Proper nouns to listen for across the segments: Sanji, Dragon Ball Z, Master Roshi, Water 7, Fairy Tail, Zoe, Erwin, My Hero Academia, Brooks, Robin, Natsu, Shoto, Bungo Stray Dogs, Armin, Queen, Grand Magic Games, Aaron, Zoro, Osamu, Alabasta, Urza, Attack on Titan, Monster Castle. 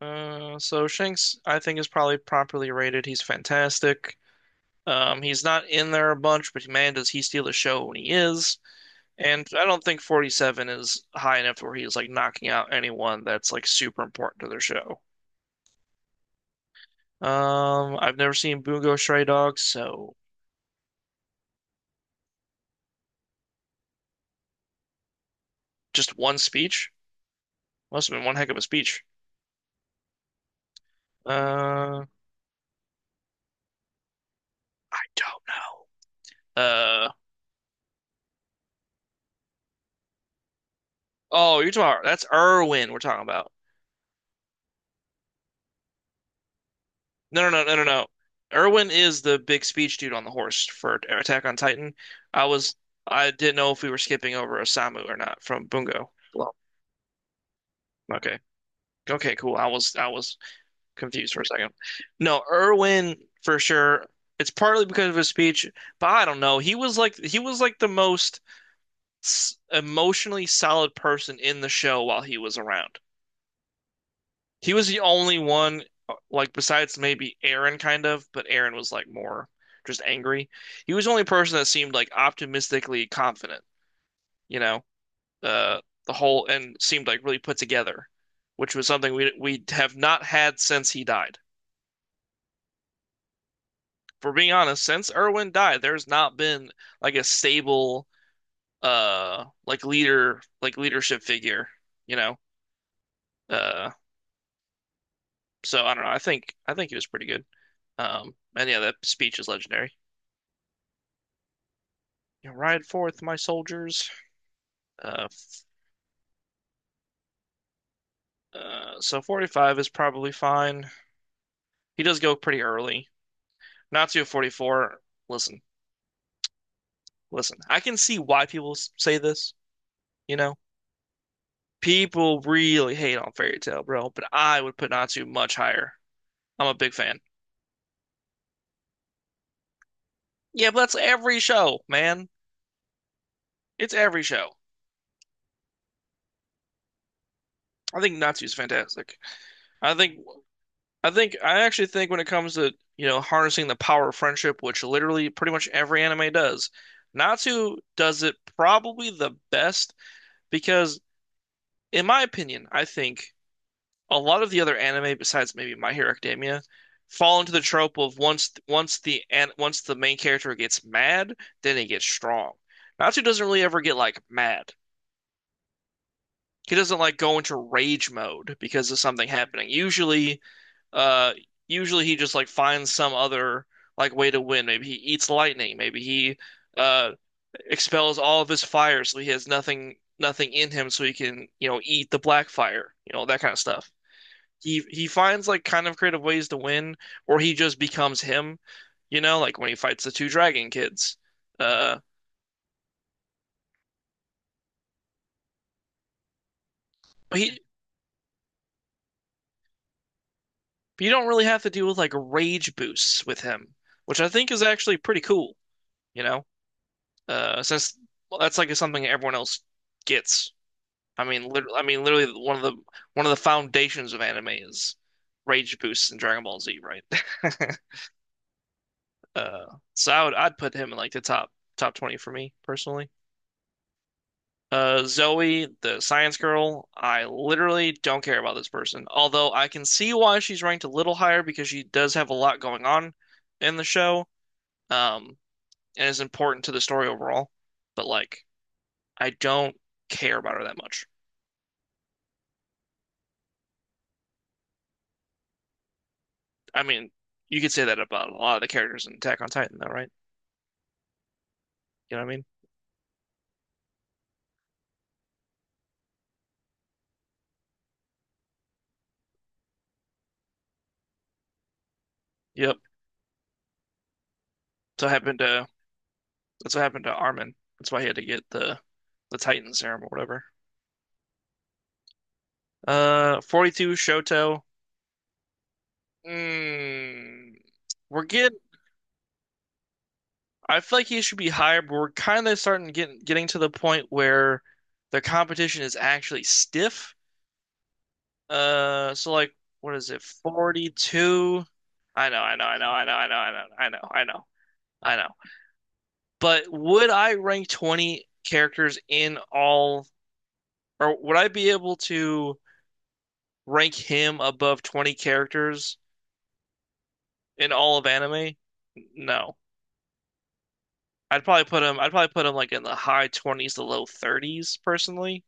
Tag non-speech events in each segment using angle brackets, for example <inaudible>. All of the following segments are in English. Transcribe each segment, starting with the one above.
So Shanks, I think, is probably properly rated. He's fantastic. He's not in there a bunch, but man, does he steal the show when he is. And I don't think 47 is high enough where he's like knocking out anyone that's like super important to their show. I've never seen Bungo Stray Dogs, so just one speech must have been one heck of a speech. Uh, I don't know. Oh, you're talking about that's Irwin we're talking about. No, no, no, no, no, no. Erwin is the big speech dude on the horse for Attack on Titan. I was, I didn't know if we were skipping over Osamu or not from Bungo. Well, okay, okay, cool. I was confused for a second. No, Erwin for sure. It's partly because of his speech, but I don't know. He was like the most emotionally solid person in the show while he was around. He was the only one, like besides maybe Aaron, kind of, but Aaron was like more just angry. He was the only person that seemed like optimistically confident, you know, uh, the whole and seemed like really put together, which was something we have not had since he died. For being honest, since Irwin died, there's not been like a stable, like leader, like leadership figure, you know. Uh, so I don't know. I think he was pretty good. And yeah, that speech is legendary. You know, ride forth, my soldiers. Uh, so 45 is probably fine. He does go pretty early. Natsu 44. Listen, listen. I can see why people say this. You know, people really hate on Fairy Tail, bro. But I would put Natsu much higher. I'm a big fan. Yeah, but that's every show, man. It's every show. I think Natsu's fantastic. I think I think I actually think when it comes to, you know, harnessing the power of friendship, which literally pretty much every anime does, Natsu does it probably the best because in my opinion, I think a lot of the other anime besides maybe My Hero Academia fall into the trope of once the main character gets mad, then he gets strong. Natsu doesn't really ever get like mad. He doesn't like go into rage mode because of something happening. Usually Uh, usually he just like finds some other like way to win. Maybe he eats lightning. Maybe he uh expels all of his fire so he has nothing in him so he can, you know, eat the black fire, you know, that kind of stuff. He finds like kind of creative ways to win, or he just becomes him, you know, like when he fights the two dragon kids. Uh, but he you don't really have to deal with like rage boosts with him, which I think is actually pretty cool, you know? Since well, that's like something everyone else gets. I mean, literally one of the foundations of anime is rage boosts in Dragon Ball Z, right? <laughs> Uh, so I'd put him in like the top 20 for me personally. Zoe, the science girl, I literally don't care about this person. Although I can see why she's ranked a little higher because she does have a lot going on in the show, um, and is important to the story overall. But like, I don't care about her that much. I mean, you could say that about a lot of the characters in Attack on Titan, though, right? You know what I mean? Yep. That's what happened to that's what happened to Armin. That's why he had to get the Titan serum or whatever. 42 Shoto. Mm, we're getting. I feel like he should be higher, but we're kind of starting getting to the point where the competition is actually stiff. Uh, so like, what is it? 42. I know, I know, I know, I know, I know, I know, I know, I know, I know. But would I rank 20 characters in all, or would I be able to rank him above 20 characters in all of anime? No. I'd probably put him like in the high 20s to low 30s personally.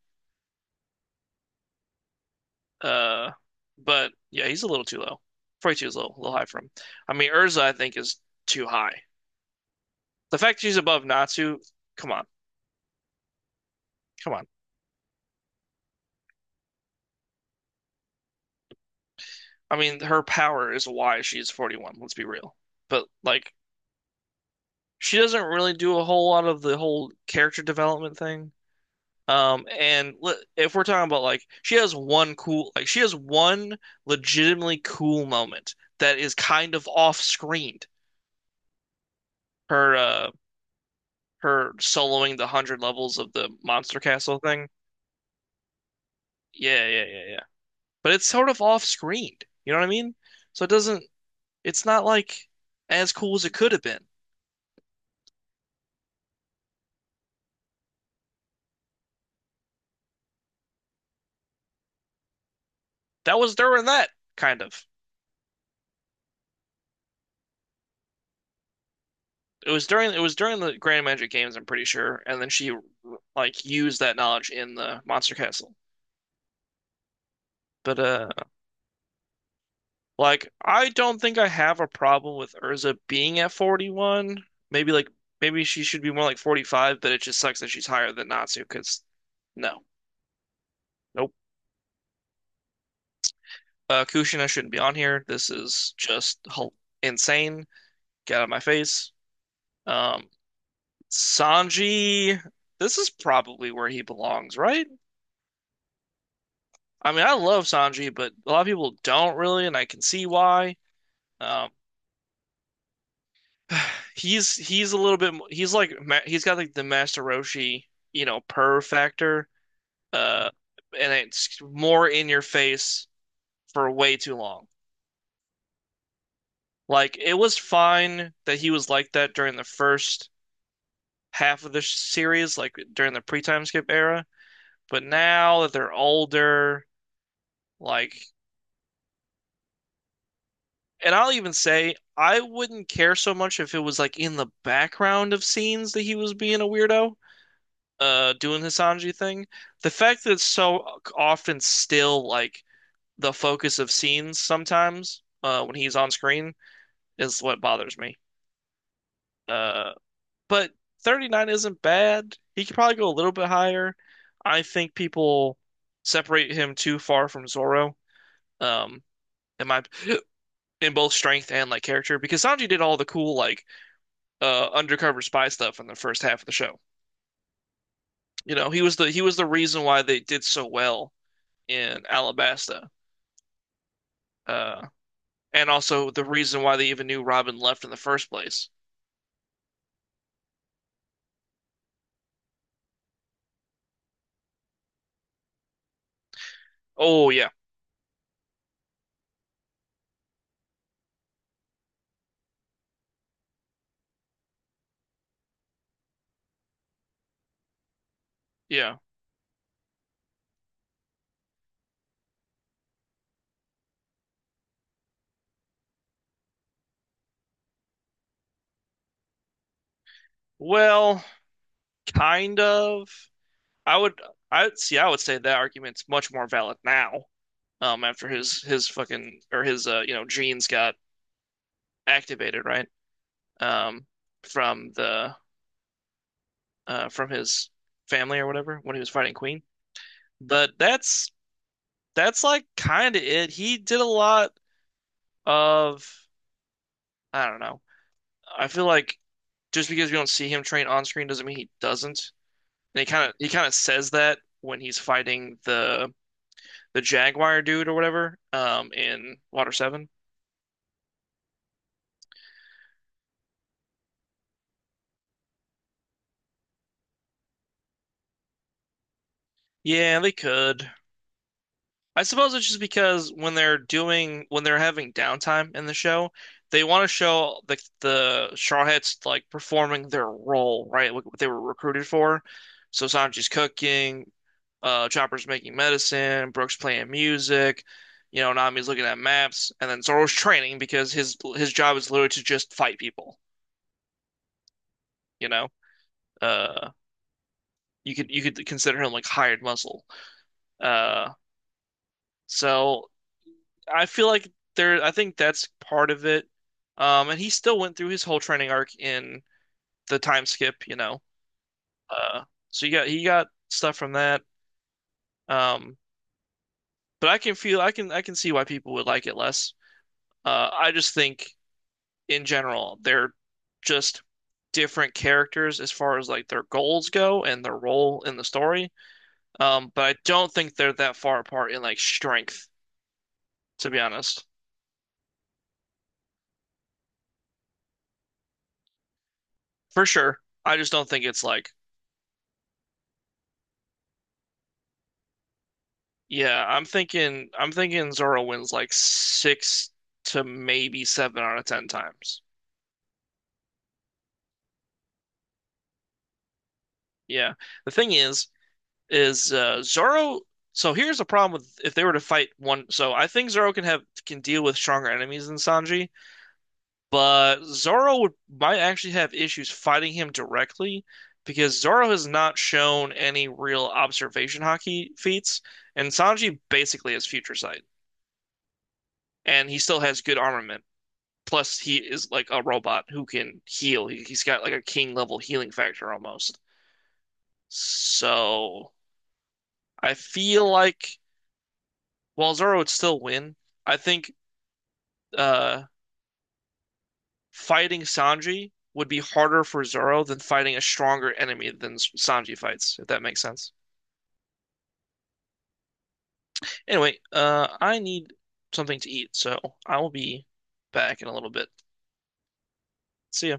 Uh, but yeah, he's a little too low. 42 is a little high for him. I mean, Urza, I think, is too high. The fact she's above Natsu, come on, come on. I mean, her power is why she's 41, let's be real. But like she doesn't really do a whole lot of the whole character development thing. If we're talking about like she has one cool, like she has one legitimately cool moment that is kind of off screened. Her her soloing the 100 levels of the Monster Castle thing. Yeah, yeah, yeah, yeah. But it's sort of off screened. You know what I mean? So it doesn't. It's not like as cool as it could have been. That was during that kind of. It was during the Grand Magic Games, I'm pretty sure, and then she like used that knowledge in the Monster Castle. But like I don't think I have a problem with Urza being at 41. Maybe like maybe she should be more like 45, but it just sucks that she's higher than Natsu because no, nope. Kushina shouldn't be on here. This is just insane. Get out of my face. Um, Sanji, this is probably where he belongs, right? I mean, I love Sanji, but a lot of people don't really, and I can see why. Um, <sighs> he's a little bit he's got like the Master Roshi, you know, purr factor, uh, and it's more in your face for way too long. Like it was fine that he was like that during the first half of the series, like during the pre-time skip era, but now that they're older, like And I'll even say I wouldn't care so much if it was like in the background of scenes that he was being a weirdo, doing his Sanji thing. The fact that it's so often still like the focus of scenes sometimes, when he's on screen is what bothers me. Uh, but 39 isn't bad. He could probably go a little bit higher. I think people separate him too far from Zoro, um, in my <gasps> in both strength and like character because Sanji did all the cool like undercover spy stuff in the first half of the show. You know, he was the reason why they did so well in Alabasta, uh, and also the reason why they even knew Robin left in the first place. Oh yeah, yeah. Well, kind of. I would I see. I would say that argument's much more valid now. After his fucking or his you know genes got activated, right? Um, from the from his family or whatever when he was fighting Queen. But that's kind of it. He did a lot of, I don't know. I feel like just because we don't see him train on screen doesn't mean he doesn't. And he kind of says that when he's fighting the Jaguar dude or whatever in Water 7. Yeah, they could. I suppose it's just because when they're having downtime in the show, they want to show the Shawheads like performing their role, right? Like what they were recruited for. So Sanji's cooking, Chopper's making medicine, Brooks playing music, you know, Nami's looking at maps, and then Zoro's training because his job is literally to just fight people, you know? Uh, you could consider him like hired muscle. Uh, so I feel like there, I think that's part of it. And he still went through his whole training arc in the time skip, you know. Uh, so you got he got stuff from that. Um, but I can feel, I can see why people would like it less. I just think in general they're just different characters as far as like their goals go and their role in the story. But I don't think they're that far apart in like strength, to be honest. For sure. I just don't think it's like Yeah, I'm thinking Zoro wins like six to maybe seven out of ten times. Yeah. The thing is Zoro so here's the problem with if they were to fight one so I think Zoro can deal with stronger enemies than Sanji, but Zoro would might actually have issues fighting him directly because Zoro has not shown any real observation hockey feats, and Sanji basically has future sight, and he still has good armament. Plus, he is like a robot who can heal. He- has got like a king level healing factor almost. So I feel like while Zoro would still win, I think uh, fighting Sanji would be harder for Zoro than fighting a stronger enemy than Sanji fights, if that makes sense. Anyway, I need something to eat, so I will be back in a little bit. See ya.